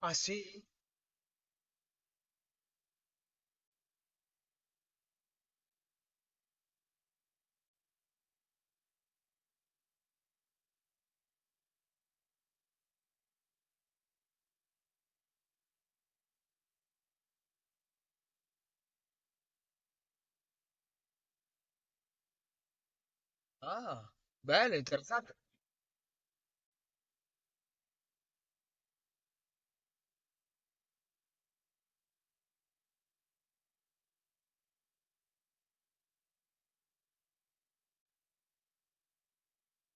Ah sì? Ah, bello, interessante.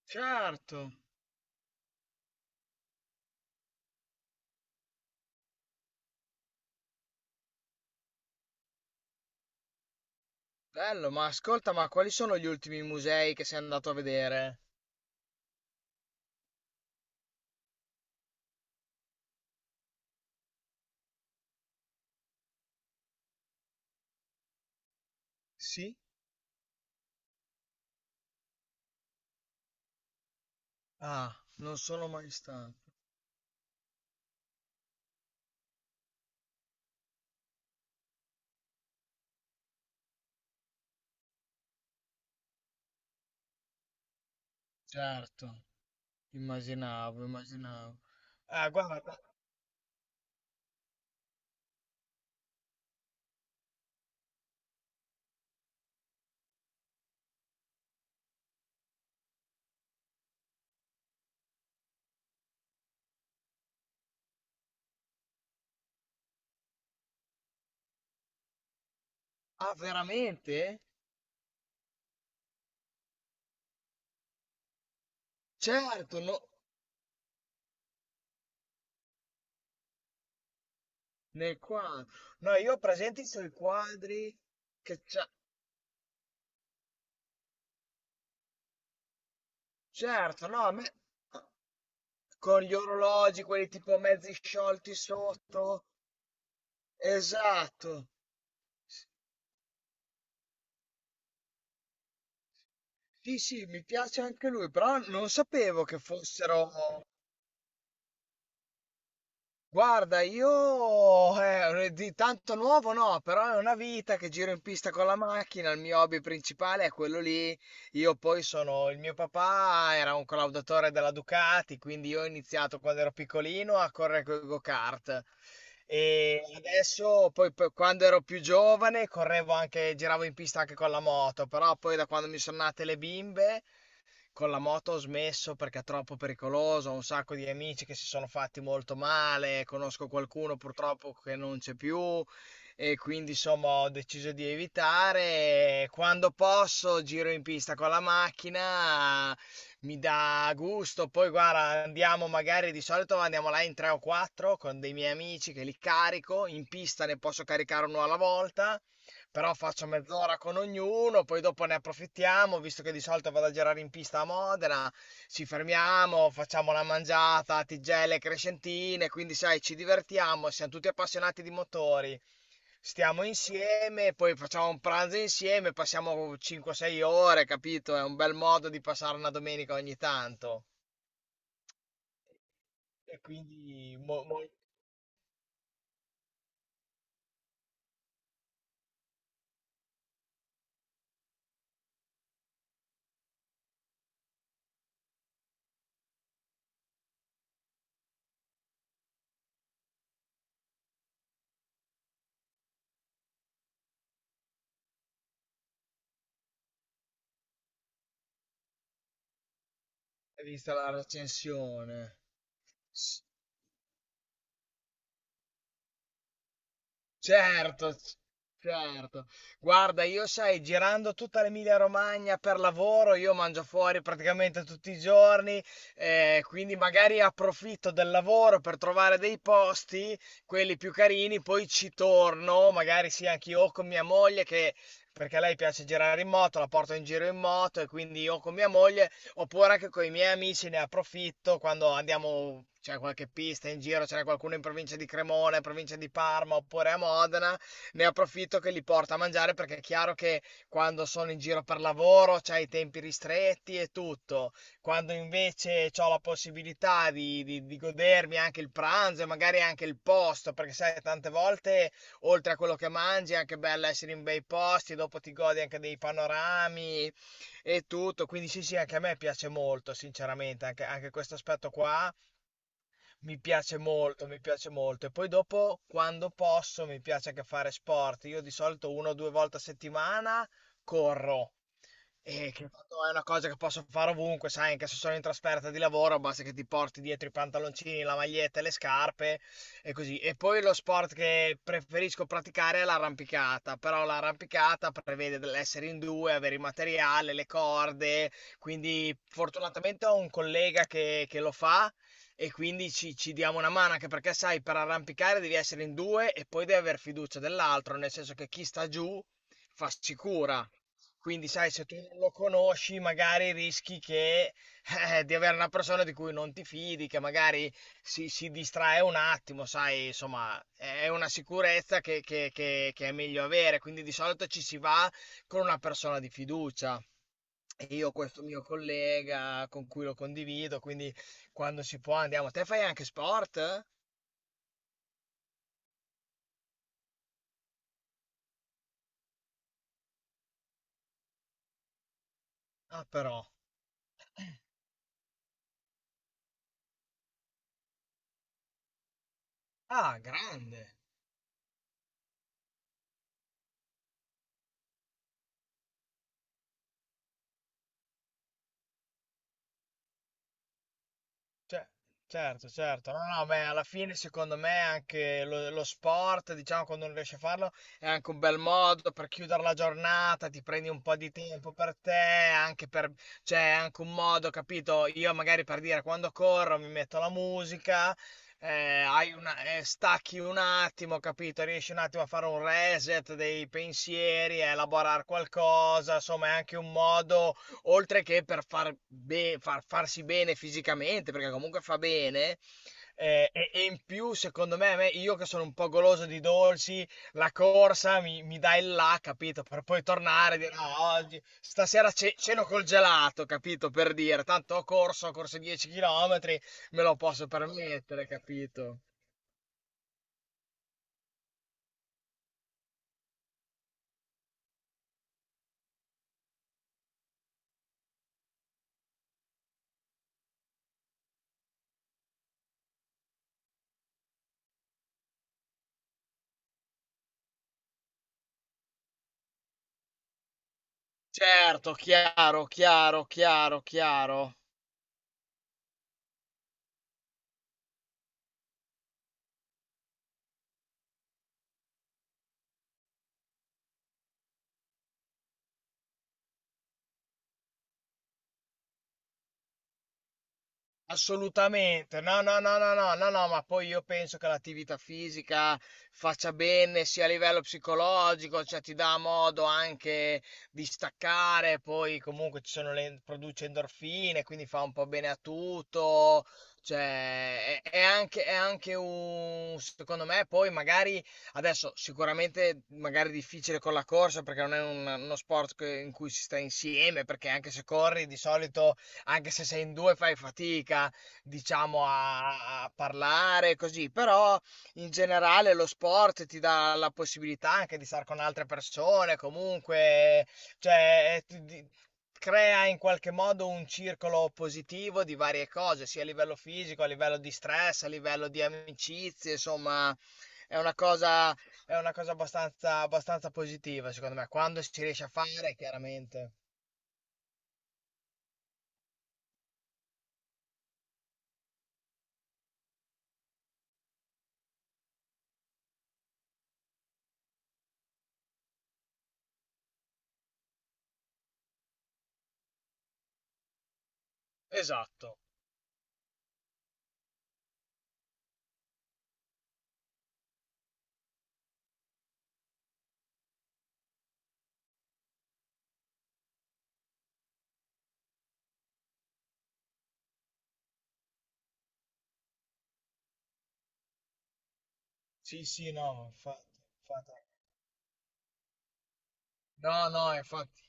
Certo, bello, ma ascolta, ma quali sono gli ultimi musei che sei andato a vedere? Sì? Ah, non sono mai stato. Certo, immaginavo, immaginavo. Ah, guarda. Ah, veramente? Certo, no, nel quadro. No, io ho presenti sui quadri che c'ha... Certo, no, a me... Con gli orologi, quelli tipo mezzi sciolti sotto. Esatto. Sì, sì, mi piace anche lui, però non sapevo che fossero. Guarda, io di tanto nuovo no, però è una vita che giro in pista con la macchina, il mio hobby principale è quello lì. Io poi sono, il mio papà era un collaudatore della Ducati, quindi io ho iniziato quando ero piccolino a correre con i go-kart. E adesso, poi, quando ero più giovane, correvo anche, giravo in pista anche con la moto, però poi da quando mi sono nate le bimbe con la moto ho smesso perché è troppo pericoloso, ho un sacco di amici che si sono fatti molto male, conosco qualcuno purtroppo che non c'è più e quindi insomma ho deciso di evitare. Quando posso giro in pista con la macchina, mi dà gusto. Poi guarda, andiamo magari di solito andiamo là in tre o quattro con dei miei amici che li carico, in pista ne posso caricare uno alla volta però faccio mezz'ora con ognuno, poi dopo ne approfittiamo, visto che di solito vado a girare in pista a Modena, ci fermiamo, facciamo la mangiata, tigelle, crescentine, quindi sai, ci divertiamo, siamo tutti appassionati di motori, stiamo insieme, poi facciamo un pranzo insieme, passiamo 5-6 ore, capito? È un bel modo di passare una domenica ogni tanto. E quindi, hai visto la recensione? Certo, c- certo. Guarda, io sai, girando tutta l'Emilia Romagna per lavoro, io mangio fuori praticamente tutti i giorni, quindi magari approfitto del lavoro per trovare dei posti, quelli più carini, poi ci torno, magari sì, anche io o con mia moglie che... Perché a lei piace girare in moto, la porto in giro in moto e quindi io con mia moglie. Oppure anche con i miei amici ne approfitto quando andiamo, c'è qualche pista in giro, c'è qualcuno in provincia di Cremona, in provincia di Parma oppure a Modena, ne approfitto che li porto a mangiare perché è chiaro che quando sono in giro per lavoro c'hai i tempi ristretti e tutto. Quando invece ho la possibilità di, di godermi anche il pranzo e magari anche il posto, perché sai, tante volte oltre a quello che mangi è anche bello essere in bei posti, dopo ti godi anche dei panorami e tutto. Quindi sì, sì, anche a me piace molto, sinceramente, anche, anche questo aspetto qua mi piace molto, mi piace molto. E poi dopo, quando posso, mi piace anche fare sport. Io di solito una o due volte a settimana corro. E che tanto è una cosa che posso fare ovunque, sai, anche se sono in trasferta di lavoro, basta che ti porti dietro i pantaloncini, la maglietta e le scarpe e così. E poi lo sport che preferisco praticare è l'arrampicata, però l'arrampicata prevede dell'essere in due, avere il materiale, le corde, quindi fortunatamente ho un collega che, lo fa e quindi ci diamo una mano, anche perché sai, per arrampicare devi essere in due e poi devi aver fiducia dell'altro, nel senso che chi sta giù fa sicura. Quindi, sai, se tu non lo conosci, magari rischi che, di avere una persona di cui non ti fidi, che magari si distrae un attimo, sai, insomma, è una sicurezza che, che è meglio avere. Quindi di solito ci si va con una persona di fiducia. E io ho questo mio collega con cui lo condivido, quindi quando si può andiamo. Te fai anche sport? Ah, però. Ah, grande. Ce- Certo, certo, no, no, beh, alla fine secondo me anche lo sport, diciamo, quando non riesci a farlo, è anche un bel modo per chiudere la giornata, ti prendi un po' di tempo per te, anche per, cioè, è anche un modo, capito? Io magari per dire, quando corro mi metto la musica, stacchi un attimo, capito? Riesci un attimo a fare un reset dei pensieri, a elaborare qualcosa, insomma, è anche un modo oltre che per farsi bene fisicamente, perché comunque fa bene. E in più, secondo me, io che sono un po' goloso di dolci, la corsa mi dà il là, capito? Per poi tornare e dire, "Ah, oggi, stasera ceno col gelato, capito? Per dire, tanto ho corso 10 km, me lo posso permettere, capito? Certo, chiaro, chiaro, chiaro, chiaro. Assolutamente, no, no, no, no, no, no, no, ma poi io penso che l'attività fisica faccia bene sia a livello psicologico, cioè ti dà modo anche di staccare, poi comunque ci sono le, produce endorfine, quindi fa un po' bene a tutto, cioè è anche un, secondo me, poi magari adesso sicuramente magari difficile con la corsa perché non è uno sport in cui si sta insieme, perché anche se corri di solito anche se sei in due fai fatica, diciamo, a parlare così, però in generale lo sport ti dà la possibilità anche di stare con altre persone, comunque, cioè, crea in qualche modo un circolo positivo di varie cose, sia a livello fisico, a livello di stress, a livello di amicizie, insomma, è una cosa, è una cosa abbastanza, abbastanza positiva, secondo me, quando si riesce a fare, chiaramente. Esatto. Sì, sì, no, infatti, infatti. No, no, infatti,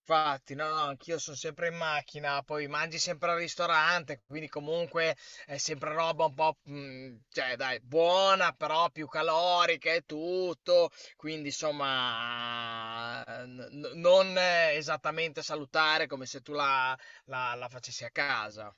infatti, no, no, anch'io sono sempre in macchina, poi mangi sempre al ristorante, quindi comunque è sempre roba un po', mm, cioè dai, buona, però più calorica e tutto, quindi insomma, non esattamente salutare come se tu la, la facessi a casa.